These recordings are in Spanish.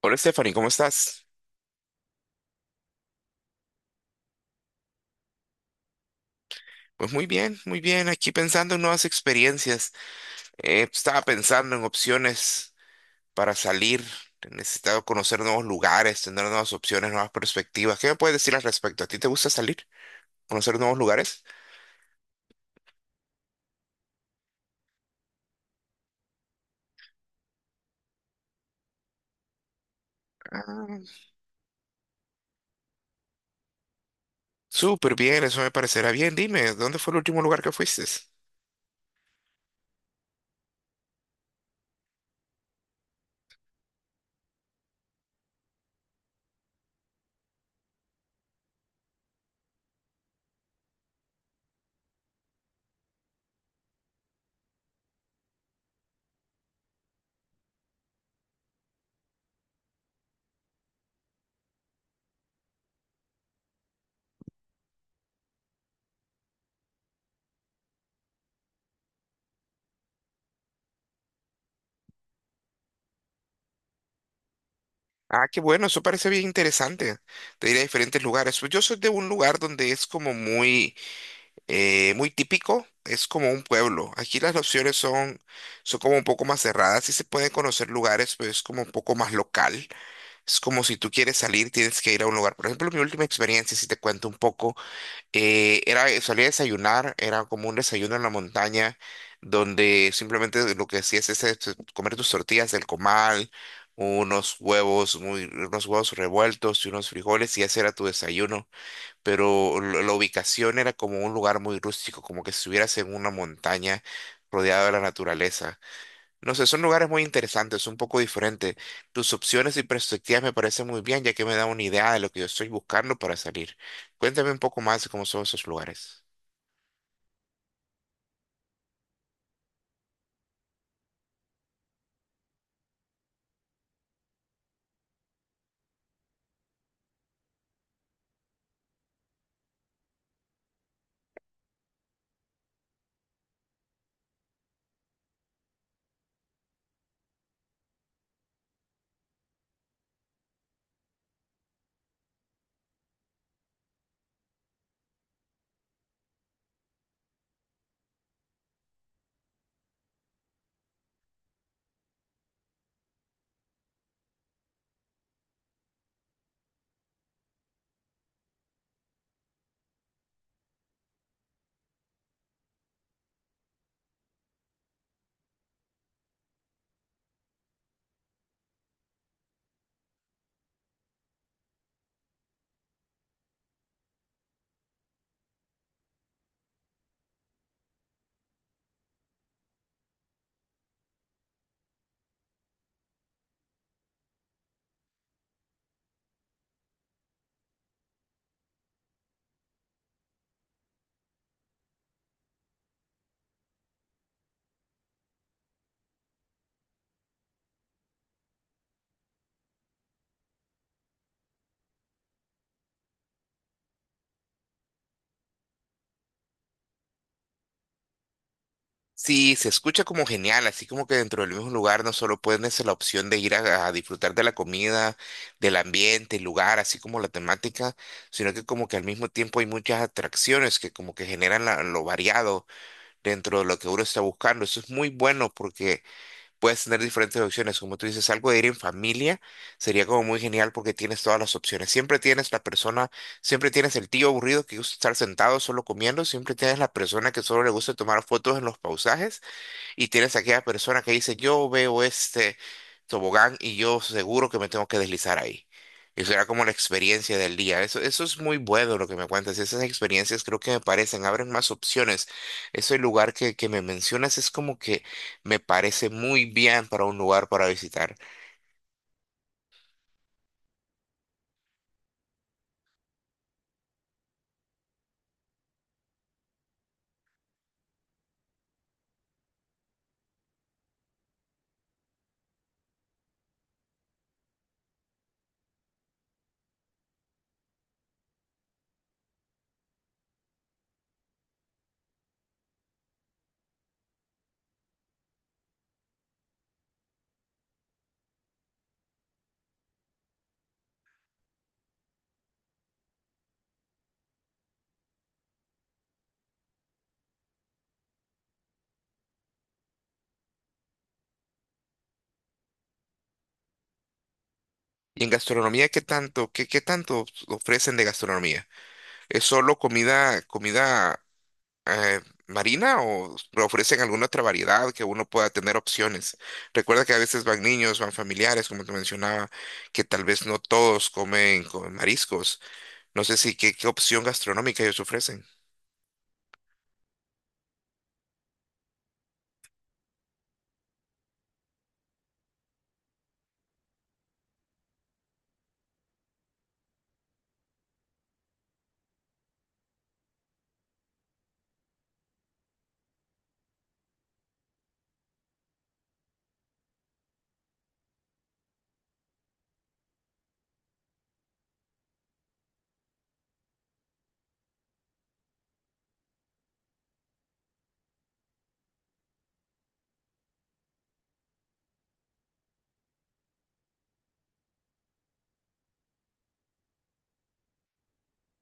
Hola Stephanie, ¿cómo estás? Pues muy bien, muy bien. Aquí pensando en nuevas experiencias. Estaba pensando en opciones para salir. He necesitado conocer nuevos lugares, tener nuevas opciones, nuevas perspectivas. ¿Qué me puedes decir al respecto? ¿A ti te gusta salir? ¿Conocer nuevos lugares? Ah, súper bien, eso me parecerá bien. Dime, ¿dónde fue el último lugar que fuiste? Ah, qué bueno, eso parece bien interesante. Te diré a diferentes lugares. Pues yo soy de un lugar donde es como muy muy típico, es como un pueblo. Aquí las opciones son como un poco más cerradas, sí se pueden conocer lugares, pero es como un poco más local. Es como si tú quieres salir, tienes que ir a un lugar. Por ejemplo, mi última experiencia, si te cuento un poco, era salí a desayunar, era como un desayuno en la montaña, donde simplemente lo que hacías es este, comer tus tortillas del comal, unos huevos, muy, unos huevos revueltos y unos frijoles y ese era tu desayuno, pero la ubicación era como un lugar muy rústico, como que si estuvieras en una montaña rodeada de la naturaleza. No sé, son lugares muy interesantes, un poco diferentes. Tus opciones y perspectivas me parecen muy bien, ya que me da una idea de lo que yo estoy buscando para salir. Cuéntame un poco más de cómo son esos lugares. Sí, se escucha como genial, así como que dentro del mismo lugar no solo puedes la opción de ir a disfrutar de la comida, del ambiente, el lugar, así como la temática, sino que como que al mismo tiempo hay muchas atracciones que como que generan lo variado dentro de lo que uno está buscando. Eso es muy bueno porque puedes tener diferentes opciones. Como tú dices, algo de ir en familia sería como muy genial porque tienes todas las opciones. Siempre tienes la persona, siempre tienes el tío aburrido que gusta estar sentado solo comiendo, siempre tienes la persona que solo le gusta tomar fotos en los pausajes. Y tienes aquella persona que dice, yo veo este tobogán y yo seguro que me tengo que deslizar ahí. Y será como la experiencia del día. Eso es muy bueno lo que me cuentas. Esas experiencias creo que me parecen, abren más opciones. Ese lugar que me mencionas es como que me parece muy bien para un lugar para visitar. ¿Y en gastronomía qué tanto, qué, qué tanto ofrecen de gastronomía? ¿Es solo comida, comida eh, marina o ofrecen alguna otra variedad que uno pueda tener opciones? Recuerda que a veces van niños, van familiares, como te mencionaba, que tal vez no todos comen con mariscos. No sé si qué, qué opción gastronómica ellos ofrecen.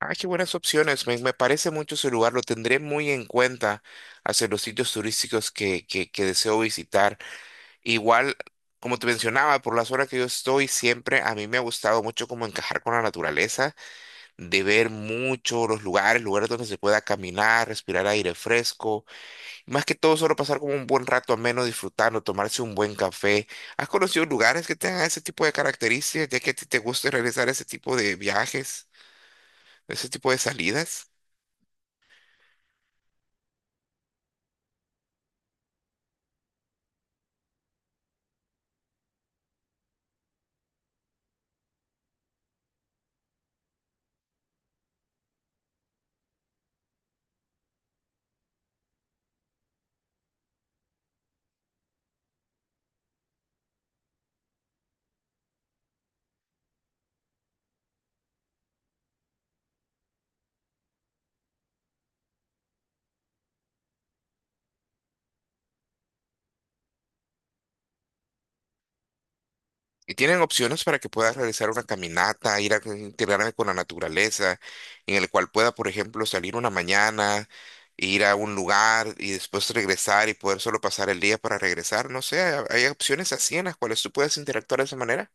Ah, qué buenas opciones. Me parece mucho ese lugar. Lo tendré muy en cuenta hacia los sitios turísticos que deseo visitar. Igual, como te mencionaba, por las horas que yo estoy, siempre a mí me ha gustado mucho como encajar con la naturaleza, de ver mucho los lugares, lugares donde se pueda caminar, respirar aire fresco, y más que todo solo pasar como un buen rato ameno disfrutando, tomarse un buen café. ¿Has conocido lugares que tengan ese tipo de características, ya que a ti te gusta realizar ese tipo de viajes, ese tipo de salidas? Y tienen opciones para que puedas realizar una caminata, ir a integrarme con la naturaleza, en el cual pueda, por ejemplo, salir una mañana, ir a un lugar y después regresar y poder solo pasar el día para regresar. No sé, hay opciones así en las cuales tú puedes interactuar de esa manera.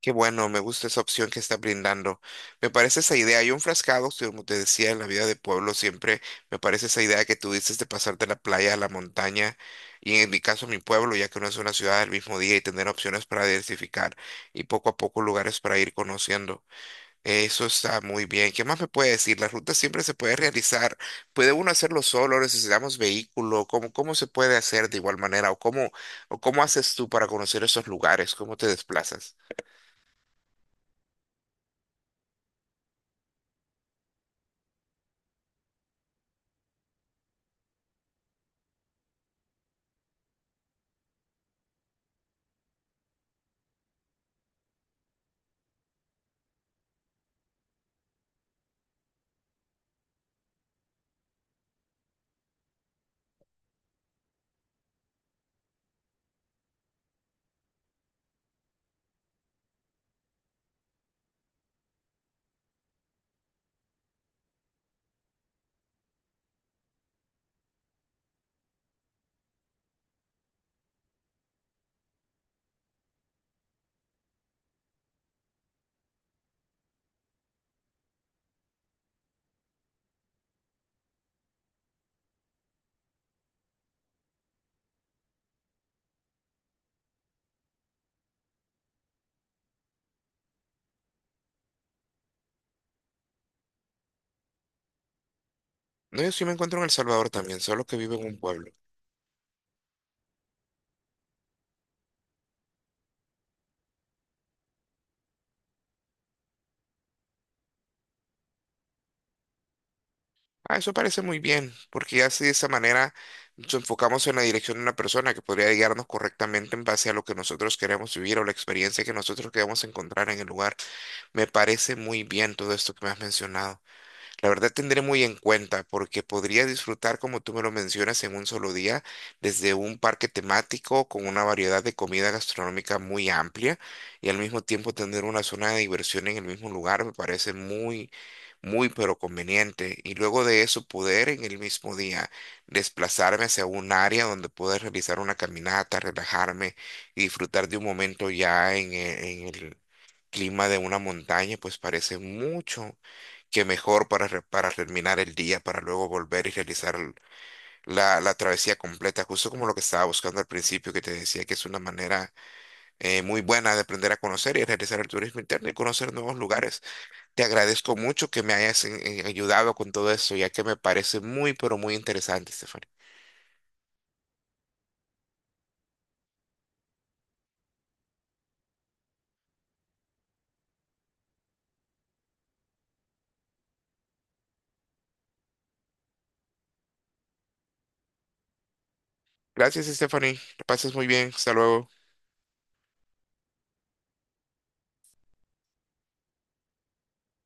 Qué bueno, me gusta esa opción que está brindando. Me parece esa idea. Yo enfrascado, sí, como te decía, en la vida de pueblo, siempre me parece esa idea que tú dices de pasar de la playa a la montaña y en mi caso mi pueblo, ya que no es una ciudad del mismo día, y tener opciones para diversificar y poco a poco lugares para ir conociendo. Eso está muy bien. ¿Qué más me puede decir? La ruta siempre se puede realizar. ¿Puede uno hacerlo solo? ¿Necesitamos vehículo? ¿Cómo, cómo se puede hacer de igual manera? O cómo haces tú para conocer esos lugares? ¿Cómo te desplazas? No, yo sí me encuentro en El Salvador también, solo que vivo en un pueblo. Ah, eso parece muy bien, porque ya así de esa manera nos enfocamos en la dirección de una persona que podría guiarnos correctamente en base a lo que nosotros queremos vivir o la experiencia que nosotros queremos encontrar en el lugar. Me parece muy bien todo esto que me has mencionado. La verdad tendré muy en cuenta porque podría disfrutar, como tú me lo mencionas, en un solo día, desde un parque temático con una variedad de comida gastronómica muy amplia y al mismo tiempo tener una zona de diversión en el mismo lugar me parece muy, muy pero conveniente. Y luego de eso poder en el mismo día desplazarme hacia un área donde pueda realizar una caminata, relajarme y disfrutar de un momento ya en en el clima de una montaña, pues parece mucho que mejor para, para terminar el día, para luego volver y realizar la travesía completa, justo como lo que estaba buscando al principio, que te decía que es una manera muy buena de aprender a conocer y realizar el turismo interno y conocer nuevos lugares. Te agradezco mucho que me hayas ayudado con todo esto, ya que me parece muy, pero muy interesante, Stephanie. Gracias, Stephanie. Que pases muy bien. Hasta luego.